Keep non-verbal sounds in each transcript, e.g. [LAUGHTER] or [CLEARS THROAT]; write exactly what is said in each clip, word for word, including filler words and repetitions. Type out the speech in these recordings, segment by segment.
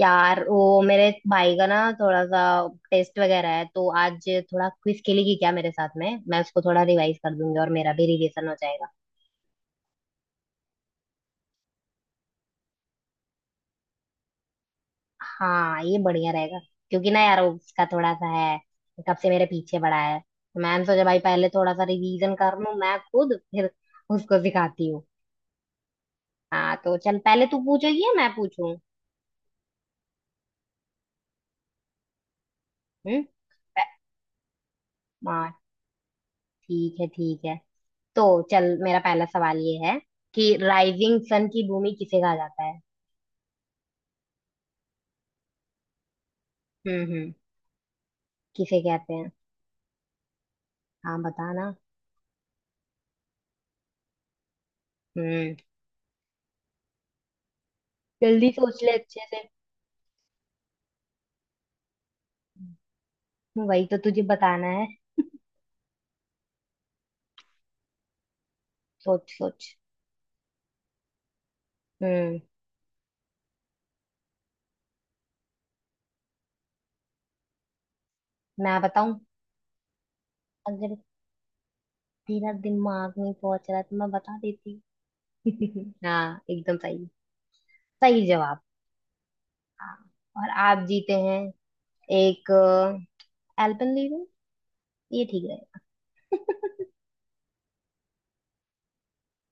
यार वो मेरे भाई का ना थोड़ा सा टेस्ट वगैरह है, तो आज थोड़ा क्विज खेलेगी क्या मेरे साथ में? मैं उसको थोड़ा रिवाइज कर दूंगी और मेरा भी रिवीजन हो जाएगा। हाँ, ये बढ़िया रहेगा। क्योंकि ना यार वो उसका थोड़ा सा है, कब से मेरे पीछे पड़ा है, तो मैंने सोचा भाई पहले थोड़ा सा रिवीजन कर लूं मैं खुद, फिर उसको सिखाती हूँ। हाँ तो चल, पहले तू पूछेगी या मैं पूछूं? हम्म। प- हाँ, ठीक है ठीक है। तो चल, मेरा पहला सवाल ये है कि राइजिंग सन की भूमि किसे कहा जाता है? हम्म हम्म किसे कहते हैं? हाँ बताना। हम्म जल्दी सोच ले अच्छे से। वही तो तुझे बताना है। सोच सोच। हम्म। मैं बताऊं? अगर तेरा दिमाग नहीं पहुंच रहा तो मैं बता देती। [LAUGHS] हाँ, एकदम सही। सही जवाब। हाँ, और आप जीते हैं एक एल्पेनलीबे। ये ठीक रहेगा?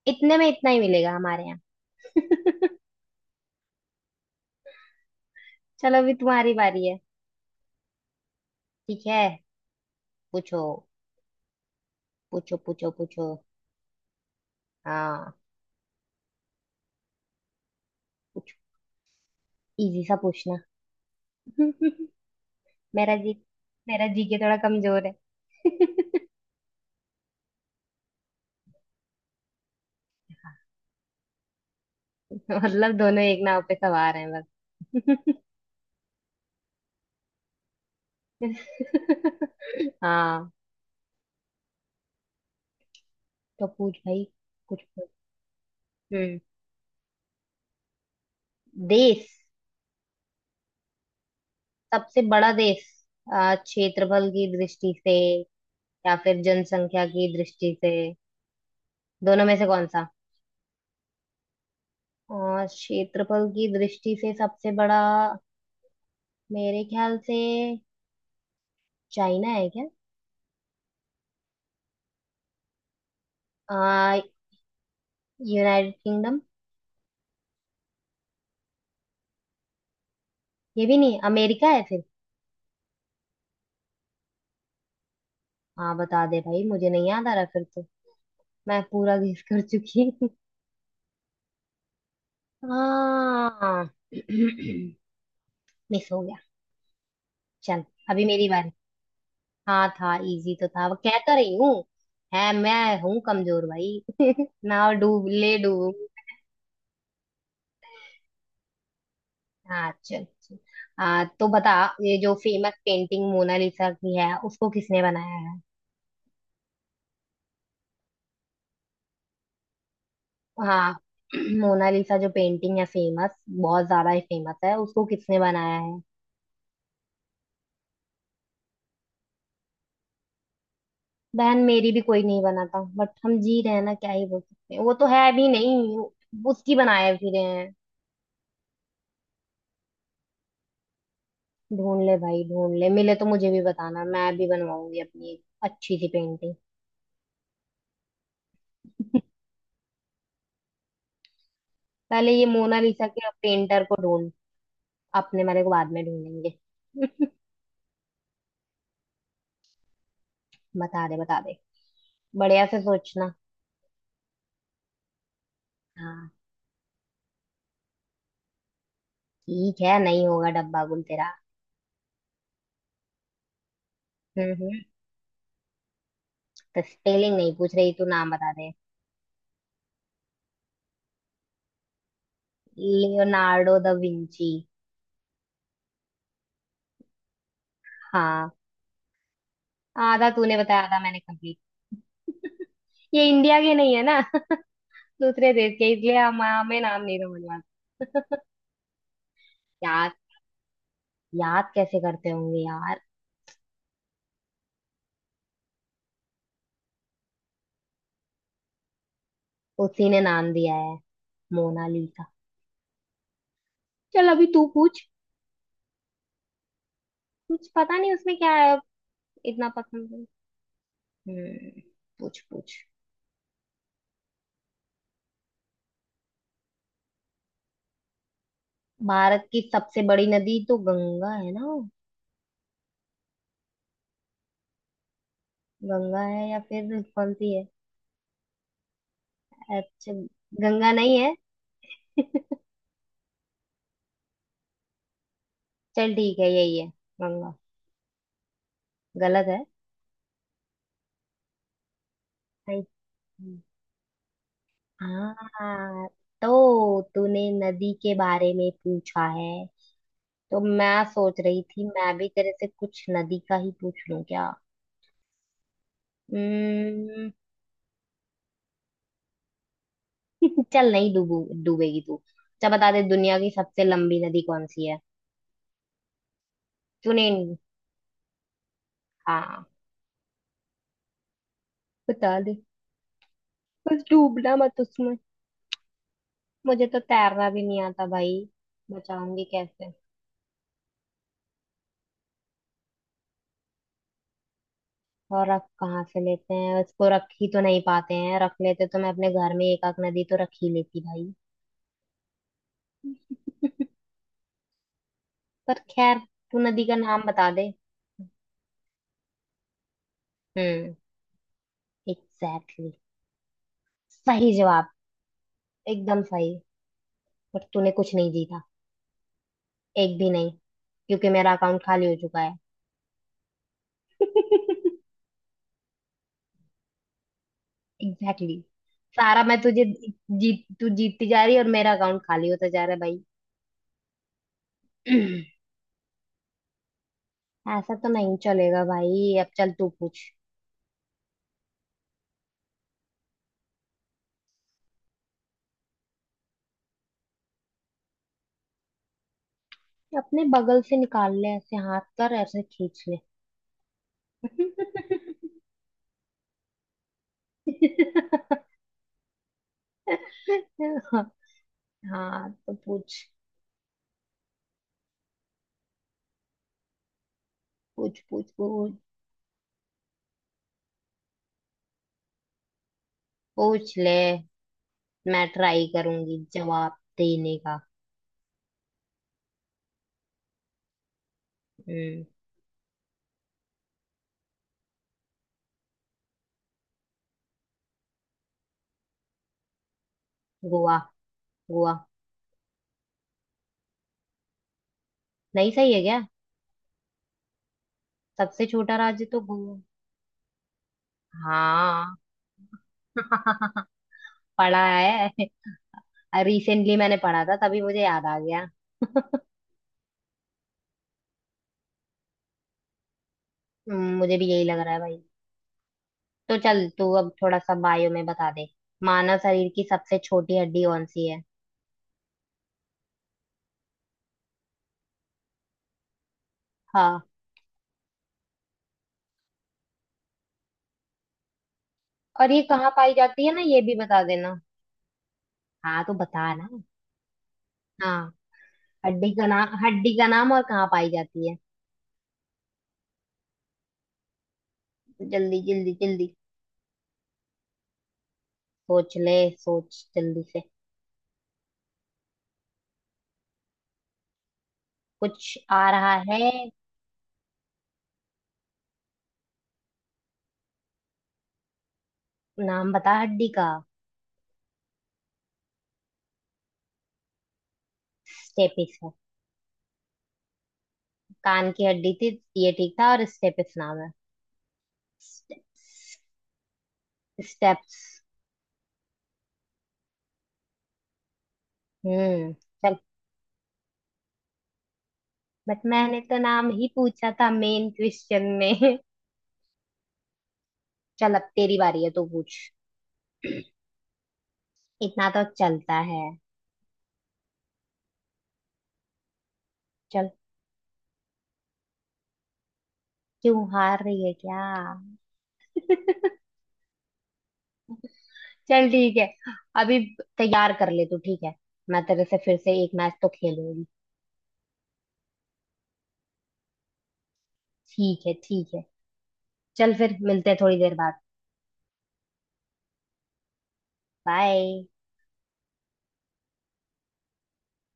इतने में इतना ही मिलेगा हमारे यहाँ। [LAUGHS] चलो, अभी तुम्हारी बारी है। ठीक है, पूछो पूछो पूछो। पूछो हाँ, कुछ इजी सा पूछना। [LAUGHS] मेरा जी मेरा जी के थोड़ा कमजोर है। [LAUGHS] मतलब दोनों एक नाव पे सवार हैं, बस। [LAUGHS] हाँ तो पूछ भाई, कुछ पूछ। हम्म। देश। सबसे बड़ा देश आ, क्षेत्रफल की दृष्टि से या फिर जनसंख्या की दृष्टि से, दोनों में से कौन सा? आ, क्षेत्रफल की दृष्टि से सबसे बड़ा मेरे ख्याल से चाइना है क्या? आ, यूनाइटेड किंगडम? ये भी नहीं, अमेरिका है? हाँ बता दे भाई, मुझे नहीं याद आ रहा फिर तो। मैं पूरा गेस कर चुकी हूँ। हाँ। [CLEARS THROAT] मिस हो गया। चल, अभी मेरी बारी। हाँ, था इजी तो, था, वो कह तो रही हूँ। है, मैं हूँ कमजोर भाई, ना और डूब ले डूब। हाँ चल चल। हाँ तो बता, ये जो फेमस पेंटिंग मोनालिसा की है उसको किसने बनाया है? हाँ। [CLEARS THROAT] मोनालिसा जो पेंटिंग है फेमस, बहुत ज्यादा ही फेमस है, उसको किसने बनाया है? बहन मेरी भी कोई नहीं बना था, बट हम जी रहे हैं ना, क्या ही बोल सकते हैं। वो तो है भी नहीं, वो- उसकी बनाए फिरे हैं। ढूंढ ले भाई ढूंढ ले, मिले तो मुझे भी बताना, मैं भी बनवाऊंगी अपनी एक अच्छी सी पेंटिंग। पहले ये मोनालिसा के पेंटर को ढूंढ, अपने वाले को बाद में ढूंढेंगे। [LAUGHS] बता दे बता दे, बढ़िया से सोचना। हाँ ठीक है, नहीं होगा डब्बा गुल तेरा। हम्म हम्म तो स्पेलिंग नहीं पूछ रही, तू नाम बता दे। Leonardo da Vinci. हाँ, आधा तूने बताया आधा मैंने कंप्लीट। ये इंडिया के नहीं है ना। [LAUGHS] दूसरे देश के, इसलिए हम हमें नाम नहीं था मनवाते। यार, याद कैसे करते होंगे यार। उसी ने नाम दिया है, मोनालिसा। चल, अभी तू पूछ। कुछ पता नहीं उसमें क्या है, इतना पसंद है। हम्म। पूछ पूछ। भारत की सबसे बड़ी नदी तो गंगा है ना? गंगा है या फिर कौन सी है? अच्छा, गंगा नहीं है। [LAUGHS] चल ठीक है, यही है, गंगा। गलत है? नहीं। हाँ तो तूने नदी के बारे में पूछा है, तो मैं सोच रही थी मैं भी तेरे से कुछ नदी का ही पूछ लूं क्या। हम्म। [LAUGHS] चल, नहीं डूबू। डूबेगी तू। अच्छा बता दे, दुनिया की सबसे लंबी नदी कौन सी है? तूने, हाँ, बता दे। बस डूबना मत उसमें, मुझे तो तैरना भी नहीं आता भाई, बचाऊंगी कैसे? और रख कहाँ से लेते हैं उसको, रख ही तो नहीं पाते हैं। रख लेते तो मैं अपने घर में एक आध नदी तो रख ही लेती भाई। [LAUGHS] पर खैर, तू नदी का नाम बता दे। हम्म। Exactly exactly. सही जवाब। एकदम सही। पर तूने कुछ नहीं जीता। एक भी नहीं, क्योंकि मेरा अकाउंट खाली हो चुका है। [LAUGHS] Exactly exactly. सारा मैं तुझे, जीत तू जीतती जा रही है और मेरा अकाउंट खाली होता जा रहा है भाई। [CLEARS THROAT] ऐसा तो नहीं चलेगा भाई, अब चल तू पूछ। अपने बगल से निकाल ले, ऐसे हाथ कर ऐसे खींच ले। [LAUGHS] हाँ तो पूछ पूछ पूछ। पूछ पूछ ले, मैं ट्राई करूंगी जवाब देने का। हम्म। गोवा। गोवा। नहीं सही है क्या? सबसे छोटा राज्य तो गोवा। हाँ। [LAUGHS] पढ़ा है, रिसेंटली मैंने पढ़ा था तभी मुझे याद आ गया। [LAUGHS] हम्म, मुझे भी यही लग रहा है भाई। तो चल तू अब थोड़ा सा बायो में बता दे, मानव शरीर की सबसे छोटी हड्डी कौन सी है? हाँ, और ये कहाँ पाई जाती है ना, ये भी बता देना। हाँ तो बता ना। हाँ। हड्डी का नाम, हड्डी का नाम और कहाँ पाई जाती है। जल्दी जल्दी जल्दी। सोच ले, सोच जल्दी से। कुछ आ रहा है? नाम बता हड्डी का। स्टेपिस है। कान की हड्डी थी, ये ठीक था, और स्टेपिस नाम है। स्टेप्स। हम्म। चल, बट मैंने तो नाम ही पूछा था मेन क्वेश्चन में। [LAUGHS] चल, अब तेरी बारी है, तू पूछ। इतना तो चलता है। चल, क्यों हार रही है क्या? [LAUGHS] चल ठीक है, अभी तैयार कर ले तू, ठीक है? मैं तेरे से फिर से एक मैच तो खेलूंगी। ठीक है ठीक है। चल फिर, मिलते हैं थोड़ी देर बाद। बाय।